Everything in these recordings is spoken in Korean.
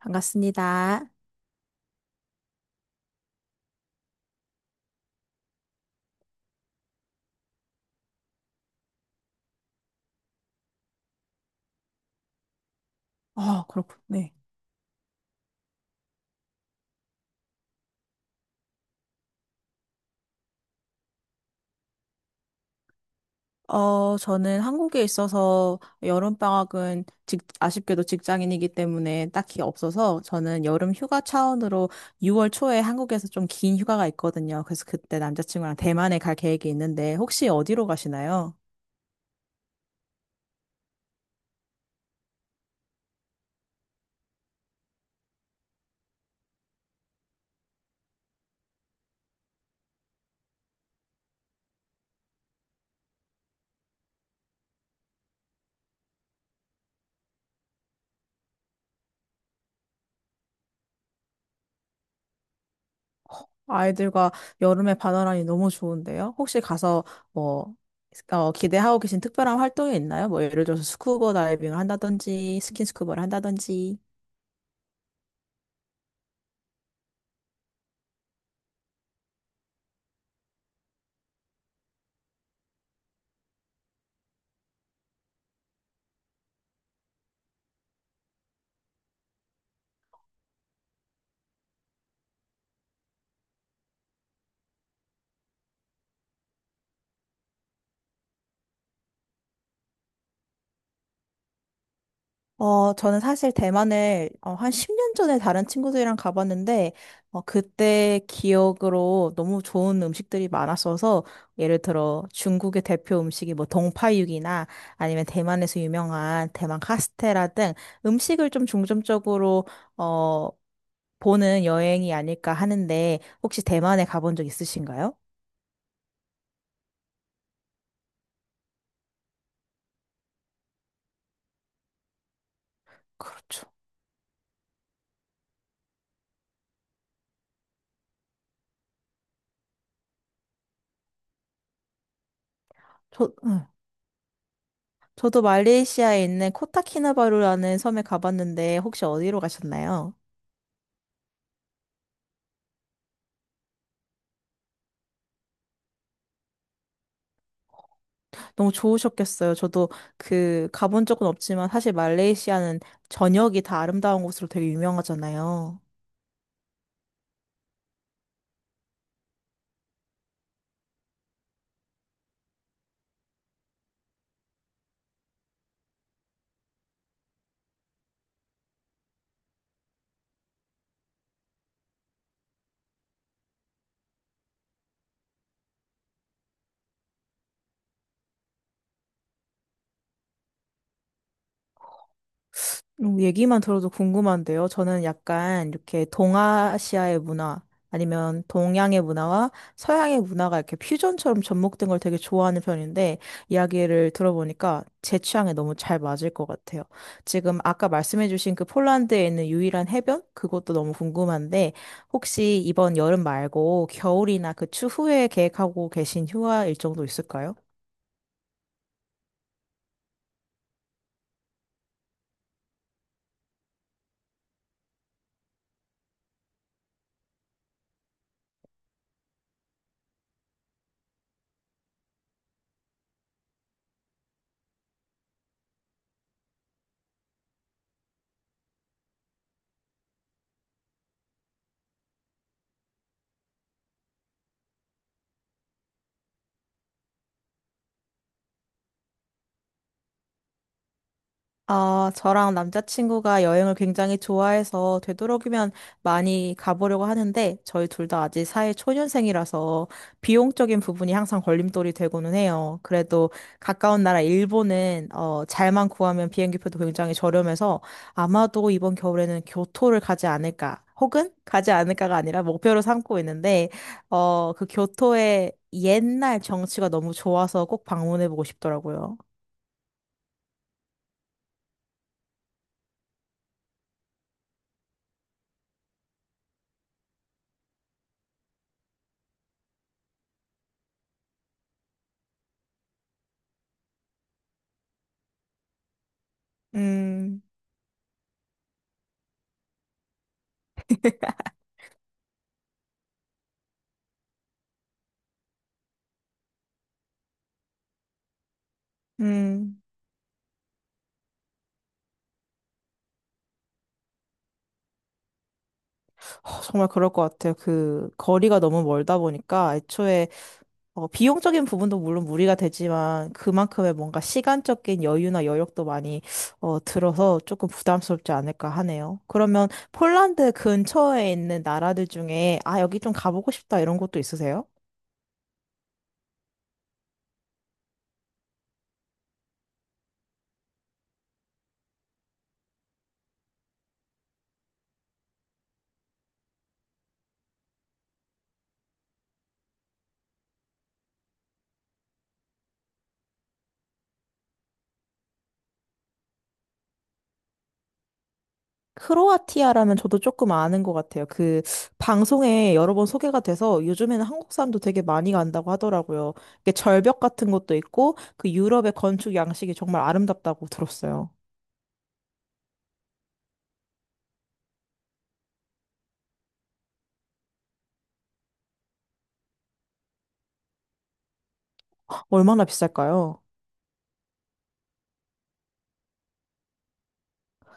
반갑습니다. 아, 그렇군. 저는 한국에 있어서 여름방학은 아쉽게도 직장인이기 때문에 딱히 없어서 저는 여름 휴가 차원으로 6월 초에 한국에서 좀 긴 휴가가 있거든요. 그래서 그때 남자친구랑 대만에 갈 계획이 있는데 혹시 어디로 가시나요? 아이들과 여름에 바다라니 너무 좋은데요? 혹시 가서 뭐, 기대하고 계신 특별한 활동이 있나요? 뭐 예를 들어서 스쿠버 다이빙을 한다든지 스킨스쿠버를 한다든지. 저는 사실 대만을 한 10년 전에 다른 친구들이랑 가봤는데, 그때 기억으로 너무 좋은 음식들이 많았어서, 예를 들어 중국의 대표 음식이 뭐 동파육이나 아니면 대만에서 유명한 대만 카스테라 등 음식을 좀 중점적으로, 어, 보는 여행이 아닐까 하는데, 혹시 대만에 가본 적 있으신가요? 그렇죠. 응. 저도 말레이시아에 있는 코타키나바루라는 섬에 가봤는데, 혹시 어디로 가셨나요? 너무 좋으셨겠어요. 저도 그 가본 적은 없지만 사실 말레이시아는 전역이 다 아름다운 곳으로 되게 유명하잖아요. 얘기만 들어도 궁금한데요. 저는 약간 이렇게 동아시아의 문화 아니면 동양의 문화와 서양의 문화가 이렇게 퓨전처럼 접목된 걸 되게 좋아하는 편인데 이야기를 들어보니까 제 취향에 너무 잘 맞을 것 같아요. 지금 아까 말씀해주신 그 폴란드에 있는 유일한 해변? 그것도 너무 궁금한데 혹시 이번 여름 말고 겨울이나 그 추후에 계획하고 계신 휴가 일정도 있을까요? 아, 저랑 남자친구가 여행을 굉장히 좋아해서 되도록이면 많이 가보려고 하는데 저희 둘 다 아직 사회 초년생이라서 비용적인 부분이 항상 걸림돌이 되고는 해요. 그래도 가까운 나라 일본은 잘만 구하면 비행기표도 굉장히 저렴해서 아마도 이번 겨울에는 교토를 가지 않을까 혹은 가지 않을까가 아니라 목표로 삼고 있는데 그 교토의 옛날 정취가 너무 좋아서 꼭 방문해보고 싶더라고요. 음. 음. 정말 그럴 것 같아요. 그 거리가 너무 멀다 보니까 애초에 비용적인 부분도 물론 무리가 되지만 그만큼의 뭔가 시간적인 여유나 여력도 많이 들어서 조금 부담스럽지 않을까 하네요. 그러면 폴란드 근처에 있는 나라들 중에 아, 여기 좀 가보고 싶다 이런 곳도 있으세요? 크로아티아라면 저도 조금 아는 것 같아요. 그 방송에 여러 번 소개가 돼서 요즘에는 한국 사람도 되게 많이 간다고 하더라고요. 이게 절벽 같은 것도 있고 그 유럽의 건축 양식이 정말 아름답다고 들었어요. 얼마나 비쌀까요?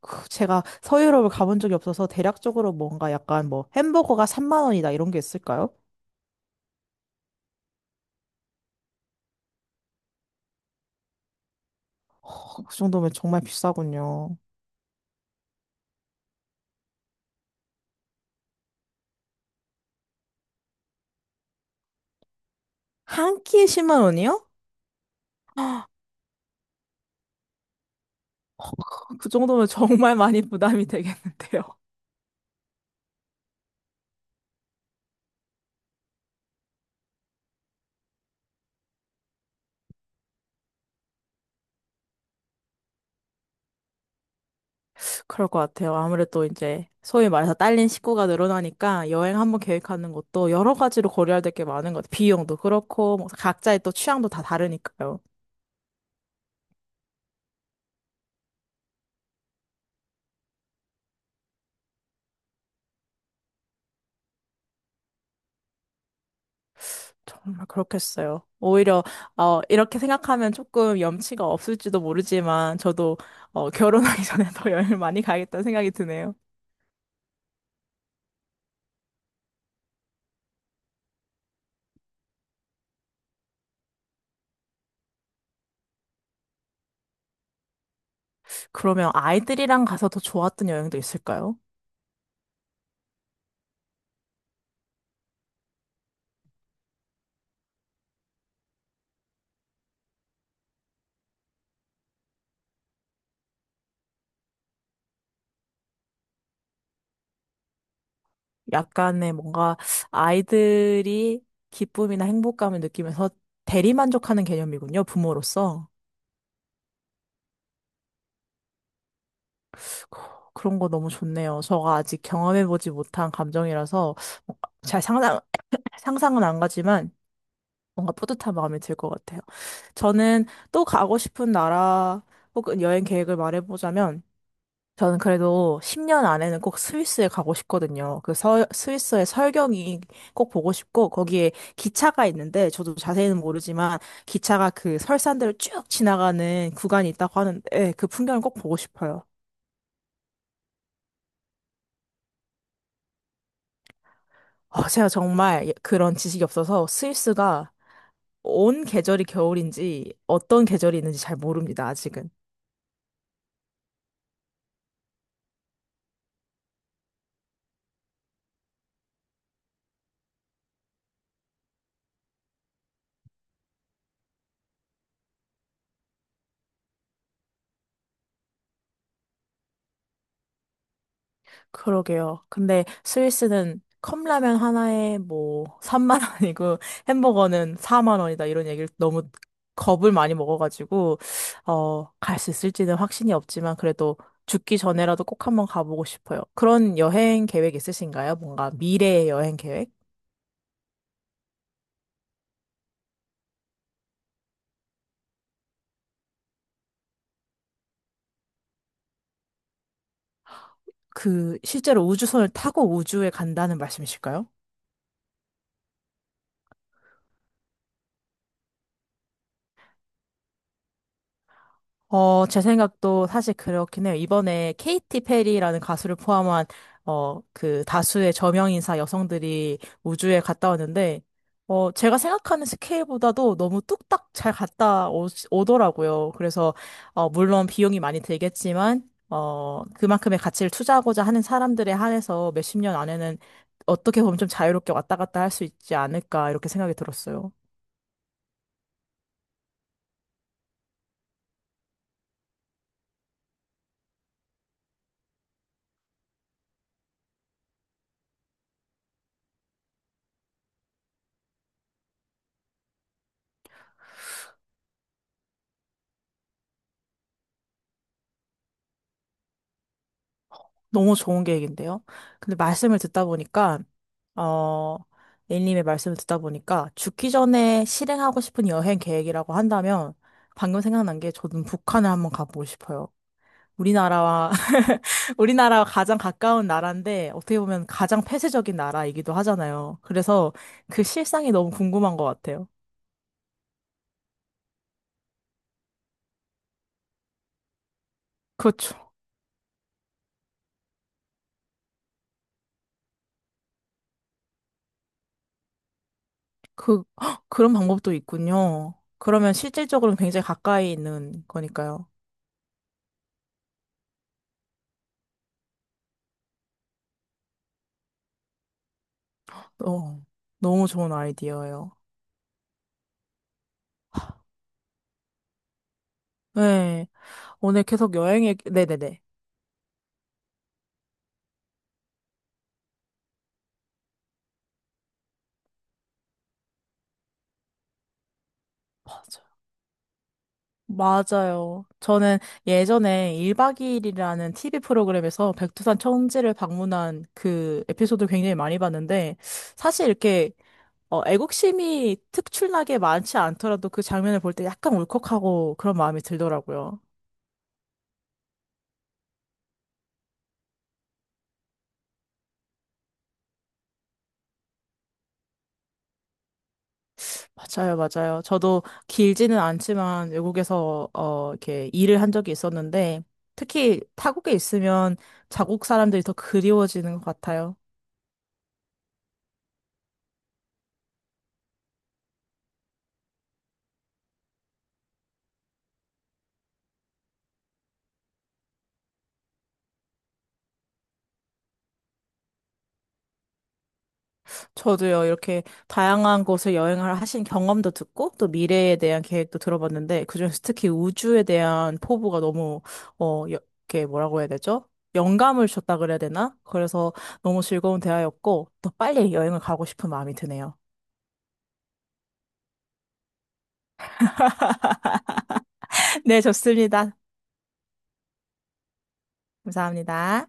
제가 서유럽을 가본 적이 없어서 대략적으로 뭔가 약간 뭐 햄버거가 3만 원이다 이런 게 있을까요? 그 정도면 정말 비싸군요. 한 끼에 10만 원이요? 어, 그 정도면 정말 많이 부담이 되겠는데요. 그럴 것 같아요. 아무래도 이제 소위 말해서 딸린 식구가 늘어나니까 여행 한 번 계획하는 것도 여러 가지로 고려해야 될 게 많은 것 같아요. 비용도 그렇고 뭐 각자의 또 취향도 다 다르니까요. 정말 그렇겠어요. 오히려 이렇게 생각하면 조금 염치가 없을지도 모르지만 저도 결혼하기 전에 더 여행을 많이 가야겠다는 생각이 드네요. 그러면 아이들이랑 가서 더 좋았던 여행도 있을까요? 약간의 뭔가 아이들이 기쁨이나 행복감을 느끼면서 대리만족하는 개념이군요, 부모로서. 그런 거 너무 좋네요. 저가 아직 경험해보지 못한 감정이라서 뭔가 잘 상상은 안 가지만 뭔가 뿌듯한 마음이 들 것 같아요. 저는 또 가고 싶은 나라 혹은 여행 계획을 말해보자면 저는 그래도 10년 안에는 꼭 스위스에 가고 싶거든요. 그 스위스의 설경이 꼭 보고 싶고, 거기에 기차가 있는데, 저도 자세히는 모르지만, 기차가 그 설산들을 쭉 지나가는 구간이 있다고 하는데, 예, 그 풍경을 꼭 보고 싶어요. 제가 정말 그런 지식이 없어서 스위스가 온 계절이 겨울인지 어떤 계절이 있는지 잘 모릅니다, 아직은. 그러게요. 근데 스위스는 컵라면 하나에 뭐 3만 원이고 햄버거는 4만 원이다 이런 얘기를 너무 겁을 많이 먹어가지고 갈 수 있을지는 확신이 없지만 그래도 죽기 전에라도 꼭 한번 가보고 싶어요. 그런 여행 계획 있으신가요? 뭔가 미래의 여행 계획? 그 실제로 우주선을 타고 우주에 간다는 말씀이실까요? 제 생각도 사실 그렇긴 해요. 이번에 케이티 페리라는 가수를 포함한, 그 다수의 저명인사 여성들이 우주에 갔다 왔는데, 제가 생각하는 스케일보다도 너무 뚝딱 잘 갔다 오더라고요. 그래서, 물론 비용이 많이 들겠지만, 그만큼의 가치를 투자하고자 하는 사람들에 한해서 몇 십 년 안에는 어떻게 보면 좀 자유롭게 왔다 갔다 할 수 있지 않을까, 이렇게 생각이 들었어요. 너무 좋은 계획인데요. 근데 말씀을 듣다 보니까, 어, A님의 말씀을 듣다 보니까, 죽기 전에 실행하고 싶은 여행 계획이라고 한다면, 방금 생각난 게 저는 북한을 한번 가보고 싶어요. 우리나라와, 우리나라와 가장 가까운 나라인데, 어떻게 보면 가장 폐쇄적인 나라이기도 하잖아요. 그래서 그 실상이 너무 궁금한 것 같아요. 그렇죠. 헉, 그런 방법도 있군요. 그러면 실질적으로는 굉장히 가까이 있는 거니까요. 어, 너무 좋은 아이디어예요. 네, 오늘 계속 여행 얘기, 네네네. 맞아요. 맞아요. 저는 예전에 1박 2일이라는 TV 프로그램에서 백두산 청지를 방문한 그 에피소드 굉장히 많이 봤는데, 사실 이렇게 애국심이 특출나게 많지 않더라도 그 장면을 볼 때 약간 울컥하고 그런 마음이 들더라고요. 맞아요, 맞아요. 저도 길지는 않지만 외국에서 이렇게 일을 한 적이 있었는데 특히 타국에 있으면 자국 사람들이 더 그리워지는 것 같아요. 저도요, 이렇게 다양한 곳을 여행을 하신 경험도 듣고 또 미래에 대한 계획도 들어봤는데 그중에서 특히 우주에 대한 포부가 너무 어 여- 이렇게 뭐라고 해야 되죠? 영감을 줬다 그래야 되나? 그래서 너무 즐거운 대화였고 더 빨리 여행을 가고 싶은 마음이 드네요. 네, 좋습니다. 감사합니다.